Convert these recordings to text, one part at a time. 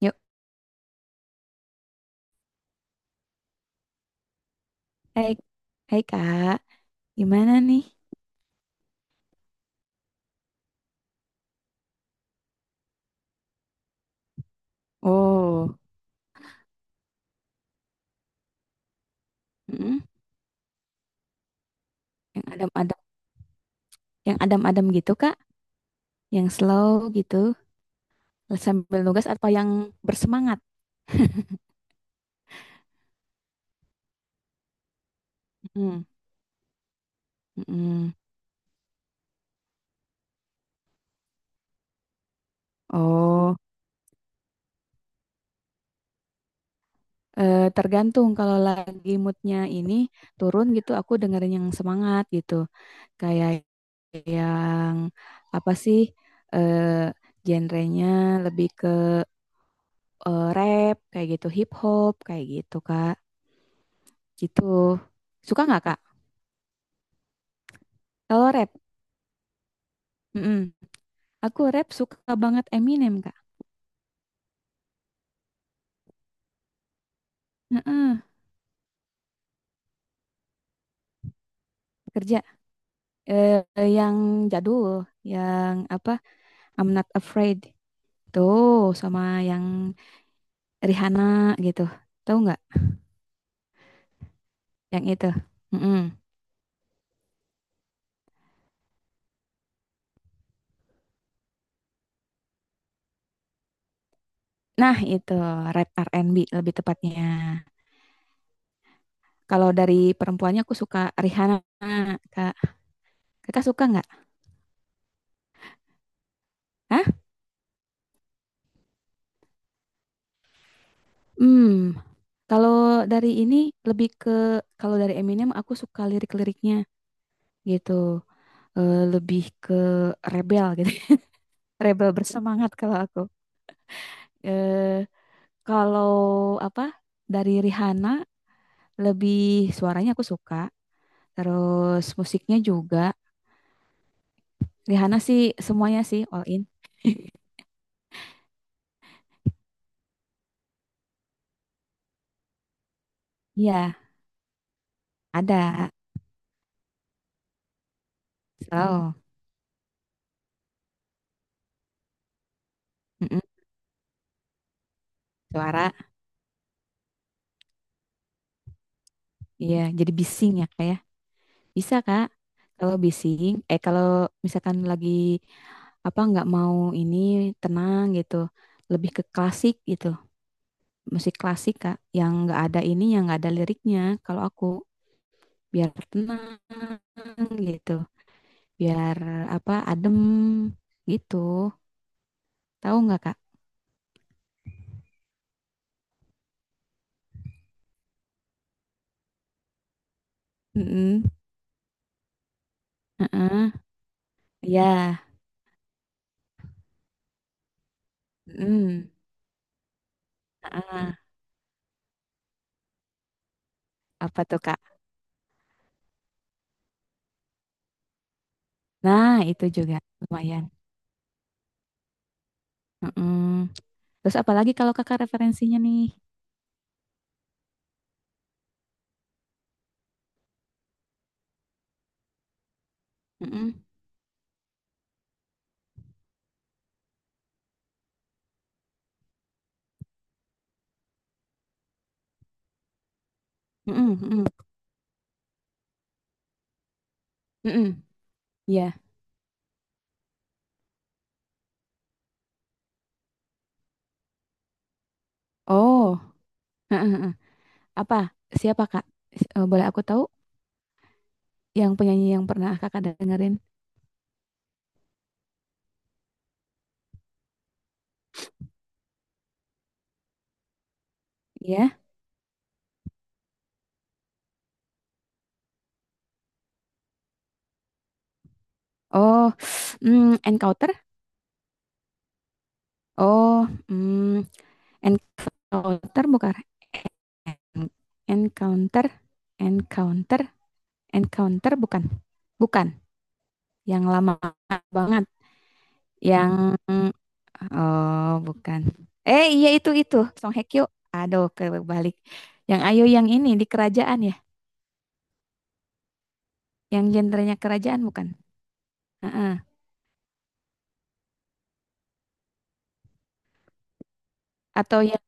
Yuk, hai, hai kak, gimana nih? Oh, mm, yang yang adem-adem gitu kak, yang slow gitu, sambil nugas apa yang bersemangat? Mm, mm-mm. Oh, tergantung kalau lagi moodnya ini turun gitu, aku dengerin yang semangat gitu, kayak yang apa sih, eh, genrenya lebih ke, rap kayak gitu, hip hop kayak gitu kak. Gitu. Suka nggak, Kak? Kalau rap? Mm-mm. Aku rap suka banget Eminem, Kak. Heeh. Kerja. Eh, yang jadul. Yang apa? I'm Not Afraid. Tuh, sama yang Rihanna gitu. Tahu nggak? Yang itu. Mm-mm. Nah, itu rap R&B lebih tepatnya. Kalau dari perempuannya aku suka Rihanna, Kak. Kakak suka nggak? Hah? Hmm. Kalau dari ini lebih ke kalau dari Eminem aku suka lirik-liriknya. Gitu. Lebih ke rebel gitu, rebel bersemangat kalau aku, eh kalau apa, dari Rihanna lebih suaranya aku suka, terus musiknya juga. Rihanna sih semuanya sih all in. Iya ada slow. Mm-mm. Suara iya jadi bising ya kayak bisa kak kalau bising, kalau misalkan lagi apa nggak mau ini tenang gitu, lebih ke klasik gitu, musik klasik Kak yang nggak ada ini yang nggak ada liriknya kalau aku biar tenang gitu biar apa adem gitu, tahu nggak Kak? Mm-mm. Heeh. Ya. Mm-mm. Heeh. Apa tuh Kak? Nah itu juga lumayan. Mm-mm. Terus apalagi kalau Kakak referensinya nih? Mm-mm. Mm-mm. Mm-mm. Mm-mm. Ya. Oh. Heeh, heeh. Apa? Siapa Kak? Boleh aku tahu yang penyanyi yang pernah Kakak dengerin? Ya. Oh, encounter? Oh, mm, encounter bukan? Encounter, encounter, encounter bukan? Bukan. Yang lama banget. Yang, oh, bukan. Eh iya itu Song Hye Kyo. Aduh kebalik. Yang Ayo yang ini di kerajaan ya. Yang gendernya kerajaan bukan? Heeh. Atau yang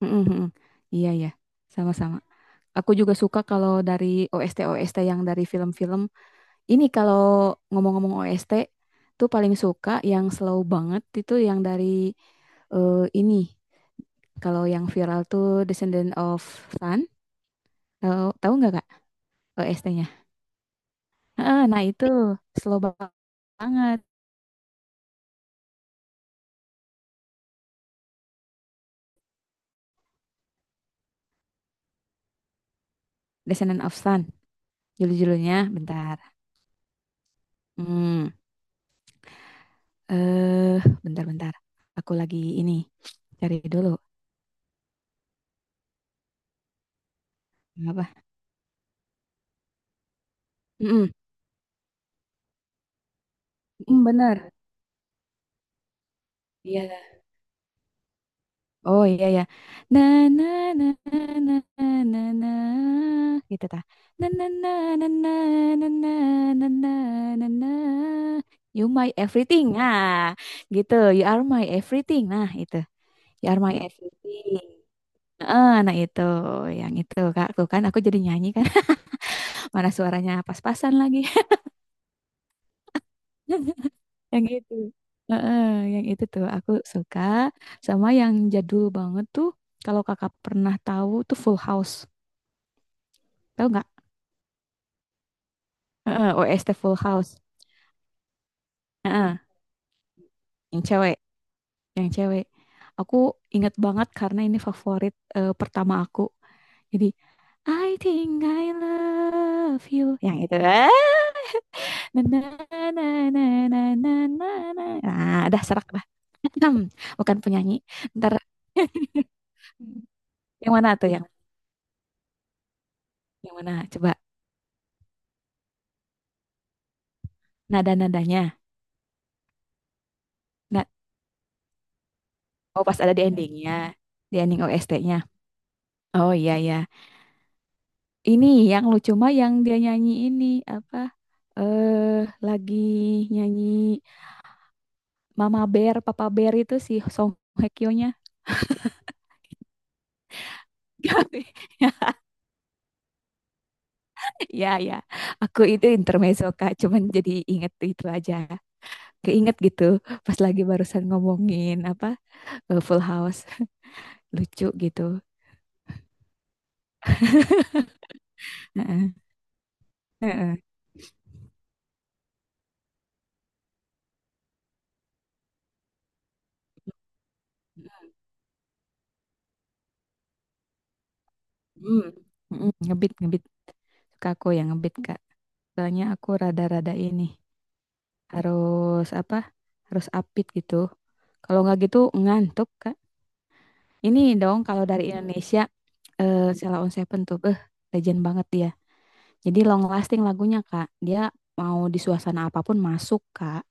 Mm, mm, mm. Iya ya. Sama-sama. Aku juga suka kalau dari OST-OST yang dari film-film. Ini kalau ngomong-ngomong OST tuh paling suka yang slow banget itu yang dari, eh, ini. Kalau yang viral tuh Descendant of Sun. Tahu tahu nggak Kak OST-nya? Heeh, nah itu slow banget Descendant of Sun. Judul-judulnya bentar. Hmm, eh bentar-bentar. Aku lagi ini cari dulu. Apa? Mm-mm. Bener. Iya, oh iya ya. Na na na na na na na gitu tah. Na na na na na na na na na na na. You my everything. Nah, gitu. You are my everything. Nah, itu. You are my everything. Nah itu yang itu Kak. Tuh kan aku jadi nyanyi kan. Mana suaranya pas-pasan lagi. Yang itu. Heeh, yang itu tuh aku suka sama yang jadul banget tuh. Kalau kakak pernah tahu tuh Full House. Tahu nggak? Heeh, OST Full House. Heeh, yang cewek, yang cewek. Aku ingat banget karena ini favorit, pertama aku. Jadi I think I love you. Yang itu. Ah, na na na na na na na. Na. Nah, dah serak dah. Bukan penyanyi. Ntar, yang mana tuh yang mana? Coba nada-nadanya. Nah, oh pas ada di endingnya, di ending OST-nya. Oh iya iya. Ini yang lucu mah yang dia nyanyi ini apa? Lagi nyanyi Mama Bear, Papa Bear itu si Song Hye Kyo-nya. Ya ya, aku itu intermezzo Kak, cuman jadi inget itu aja. Keinget gitu pas lagi barusan ngomongin apa, Full House, lucu gitu. Heeh, heeh. Hmm, ngebit ngebit suka aku yang ngebit Kak. Soalnya aku rada-rada ini. Harus apa harus apit gitu kalau nggak gitu ngantuk kak. Ini dong kalau dari Indonesia, Sheila on Seven tuh, legend banget dia, jadi long lasting lagunya kak dia mau di suasana apapun masuk kak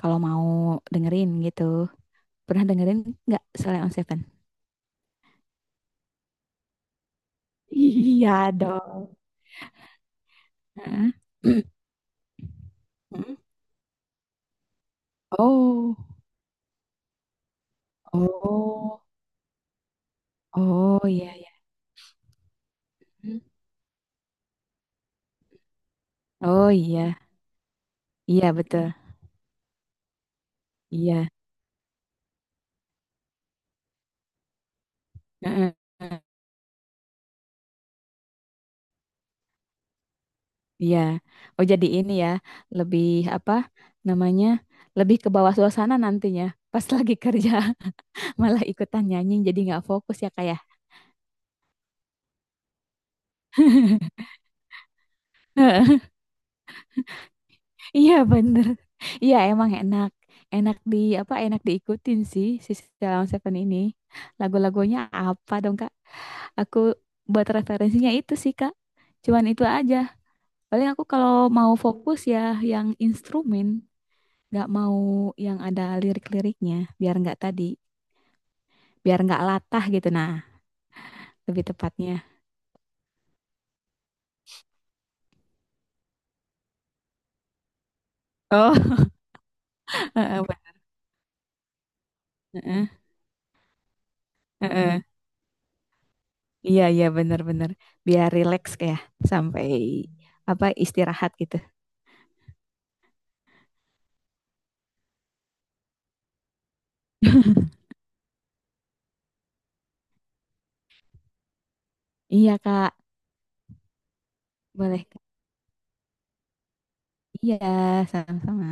kalau mau dengerin gitu. Pernah dengerin nggak Sheila on Seven? Iya dong. Heeh. Heeh. Oh, oh, oh, iya, iya. Hmm. Oh iya iya betul iya. Heeh. Iya. Oh jadi ini ya, lebih apa namanya? Lebih ke bawah suasana nantinya. Pas lagi kerja malah ikutan nyanyi jadi nggak fokus ya kayak. Iya bener. Iya emang enak. Enak di apa? Enak diikutin sih si Salon Seven ini. Lagu-lagunya apa dong Kak? Aku buat referensinya itu sih Kak. Cuman itu aja. Paling aku kalau mau fokus ya yang instrumen, nggak mau yang ada lirik-liriknya biar nggak tadi. Biar nggak latah gitu. Nah, lebih tepatnya. Oh, heeh, Pak. Heeh, heeh. Iya, iya benar-benar. Biar rileks kayak sampai apa istirahat gitu. Iya, Kak. Boleh, Kak. Iya, sama-sama.